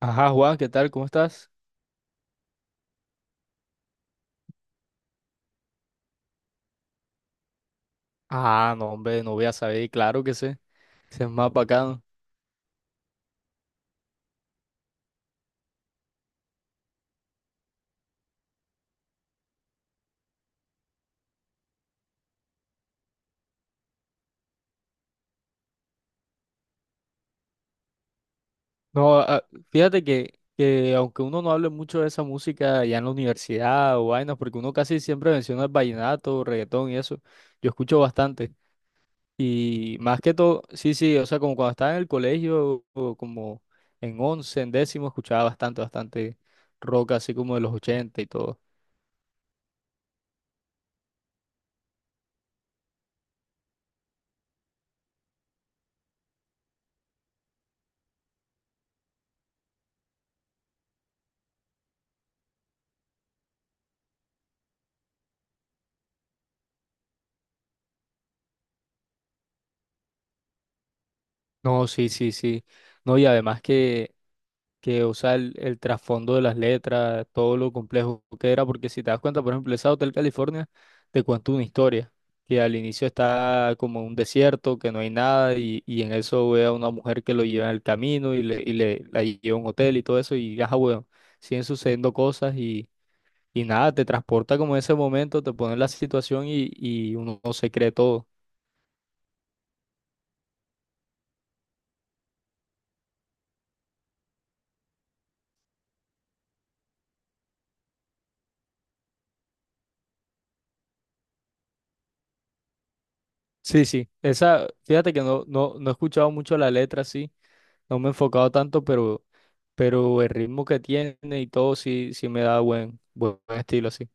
Ajá, Juan, ¿qué tal? ¿Cómo estás? Ah, no, hombre, no voy a saber, claro que sé, ese es más bacano. No, ah, fíjate que aunque uno no hable mucho de esa música ya en la universidad o vainas, porque uno casi siempre menciona el vallenato, reggaetón y eso, yo escucho bastante. Y más que todo, sí, sí, o sea, como cuando estaba en el colegio, o como en once, en décimo, escuchaba bastante, bastante rock, así como de los ochenta y todo. No, sí, sí, sí. No, y además que, o sea, el trasfondo de las letras, todo lo complejo que era, porque si te das cuenta, por ejemplo, esa Hotel California te cuenta una historia, que al inicio está como un desierto, que no hay nada, y en eso ve a una mujer que lo lleva en el camino y le, la lleva a un hotel y todo eso, y ajá, bueno, siguen sucediendo cosas y nada, te transporta como en ese momento, te pone en la situación y uno no se cree todo. Sí, sí, esa, fíjate que no, no, no he escuchado mucho la letra, sí, no me he enfocado tanto, pero el ritmo que tiene y todo sí, sí me da buen, buen estilo así.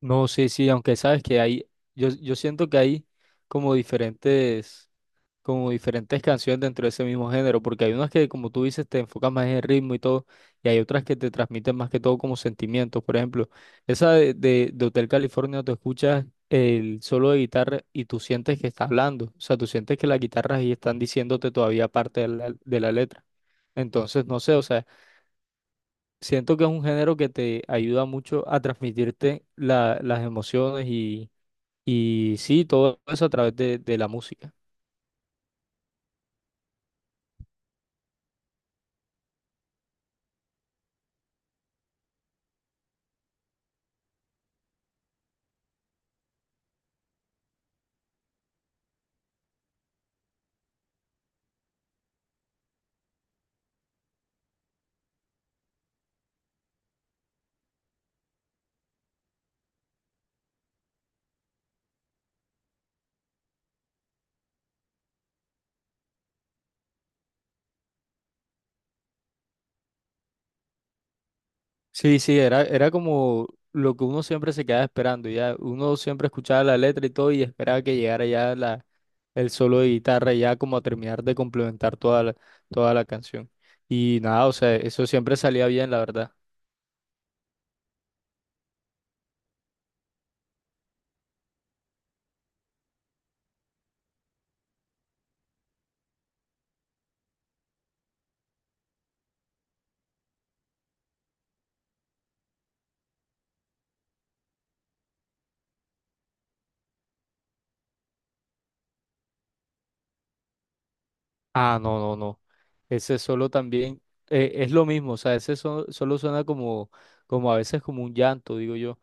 No, sí, sí, aunque sabes que hay, yo siento que hay como diferentes, como diferentes canciones dentro de ese mismo género, porque hay unas que, como tú dices, te enfocas más en el ritmo y todo, y hay otras que te transmiten más que todo como sentimientos. Por ejemplo, esa de Hotel California, tú escuchas el solo de guitarra y tú sientes que está hablando, o sea, tú sientes que las guitarras ahí están diciéndote todavía parte de la letra. Entonces, no sé, o sea, siento que es un género que te ayuda mucho a transmitirte las emociones y sí, todo eso a través de la música. Sí, sí, era como lo que uno siempre se quedaba esperando, ya uno siempre escuchaba la letra y todo y esperaba que llegara ya el solo de guitarra ya como a terminar de complementar toda la canción. Y nada, o sea, eso siempre salía bien, la verdad. Ah, no, no, no. Ese solo también es lo mismo, o sea, ese solo suena como a veces como un llanto, digo yo.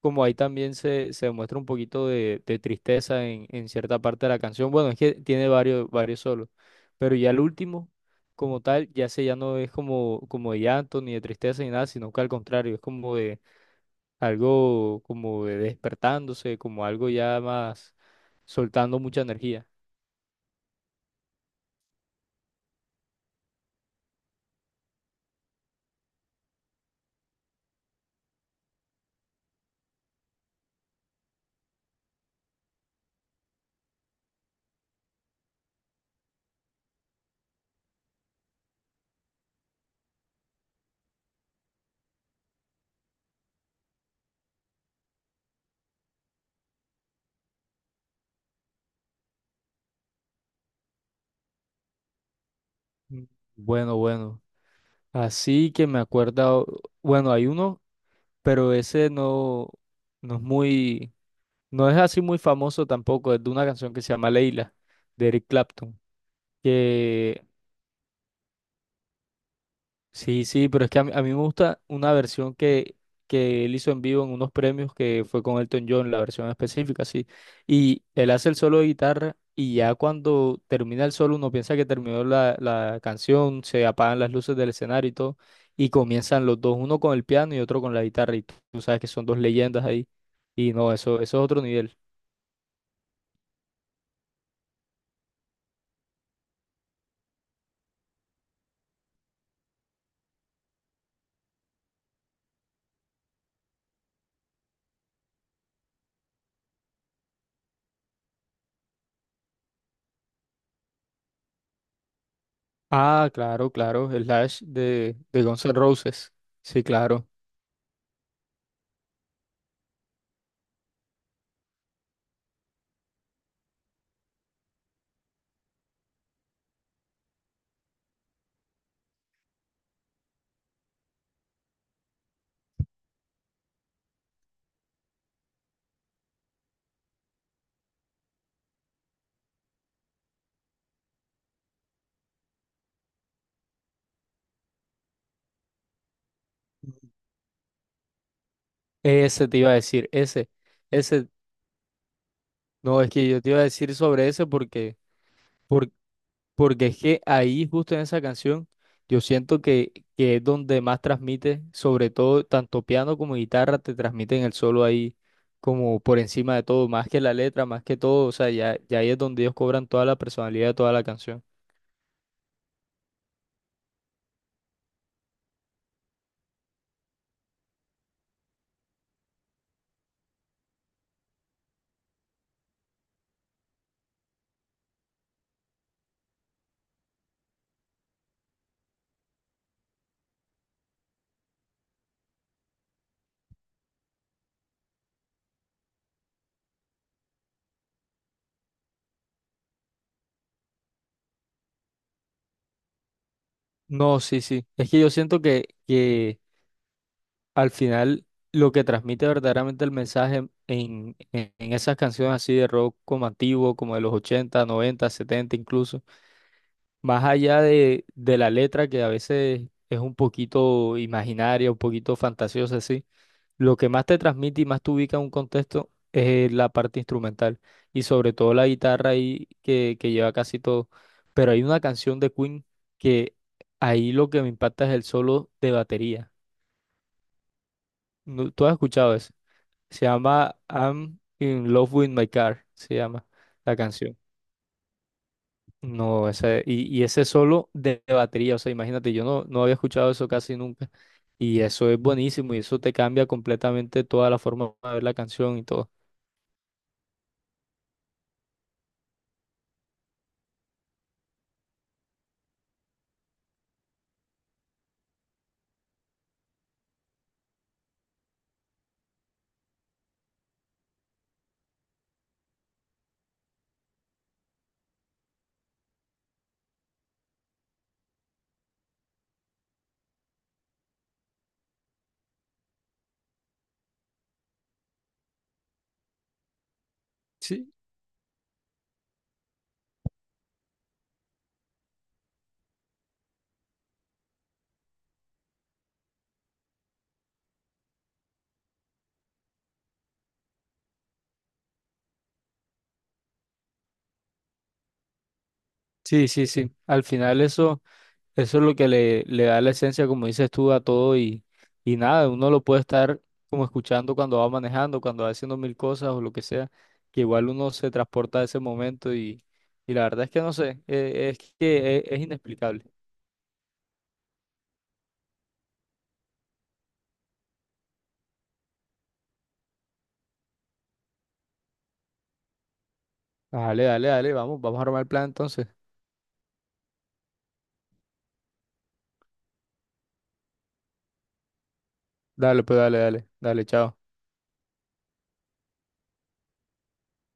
Como ahí también se muestra un poquito de tristeza en cierta parte de la canción. Bueno, es que tiene varios solos, pero ya el último, como tal, ya ese ya no es como de llanto ni de tristeza ni nada, sino que al contrario, es como de algo como de despertándose, como algo ya más soltando mucha energía. Mm. Bueno, bueno. Así que me acuerdo, bueno, hay uno, pero ese no, no es muy, no es así muy famoso tampoco, es de una canción que se llama Leila, de Eric Clapton. Sí, sí, pero es que a mí, me gusta una versión que él hizo en vivo en unos premios que fue con Elton John, la versión específica, sí. Y él hace el solo de guitarra y ya cuando termina el solo uno piensa que terminó la canción, se apagan las luces del escenario y todo, y comienzan los dos, uno con el piano y otro con la guitarra, y tú sabes que son dos leyendas ahí. Y no, eso es otro nivel. Ah, claro, claro, el Slash de Guns N' Roses. Sí, claro. Ese te iba a decir, ese, ese. No, es que yo te iba a decir sobre eso por- porque es que ahí, justo en esa canción, yo siento que es donde más transmite, sobre todo tanto piano como guitarra, te transmiten el solo ahí como por encima de todo, más que la letra, más que todo, o sea, ya ahí es donde ellos cobran toda la personalidad de toda la canción. No, sí, sí, es que yo siento que al final lo que transmite verdaderamente el mensaje en, en esas canciones así de rock como antiguo, como de los 80 90 70 incluso, más allá de la letra que a veces es un poquito imaginaria, un poquito fantasiosa, así, lo que más te transmite y más te ubica en un contexto es la parte instrumental y sobre todo la guitarra ahí que lleva casi todo. Pero hay una canción de Queen que ahí lo que me impacta es el solo de batería. ¿Tú has escuchado eso? Se llama I'm in love with my car, se llama la canción. No, ese, y ese solo de batería, o sea, imagínate, yo no, no había escuchado eso casi nunca. Y eso es buenísimo y eso te cambia completamente toda la forma de ver la canción y todo. Sí, sí, sí, sí. Al final eso, es lo que le da la esencia, como dices tú, a todo y nada, uno lo puede estar como escuchando cuando va manejando, cuando va haciendo mil cosas o lo que sea, que igual uno se transporta a ese momento y la verdad es que no sé, es que es inexplicable. Dale, dale, dale, vamos, vamos a armar el plan entonces. Dale, pues dale, dale, dale, chao.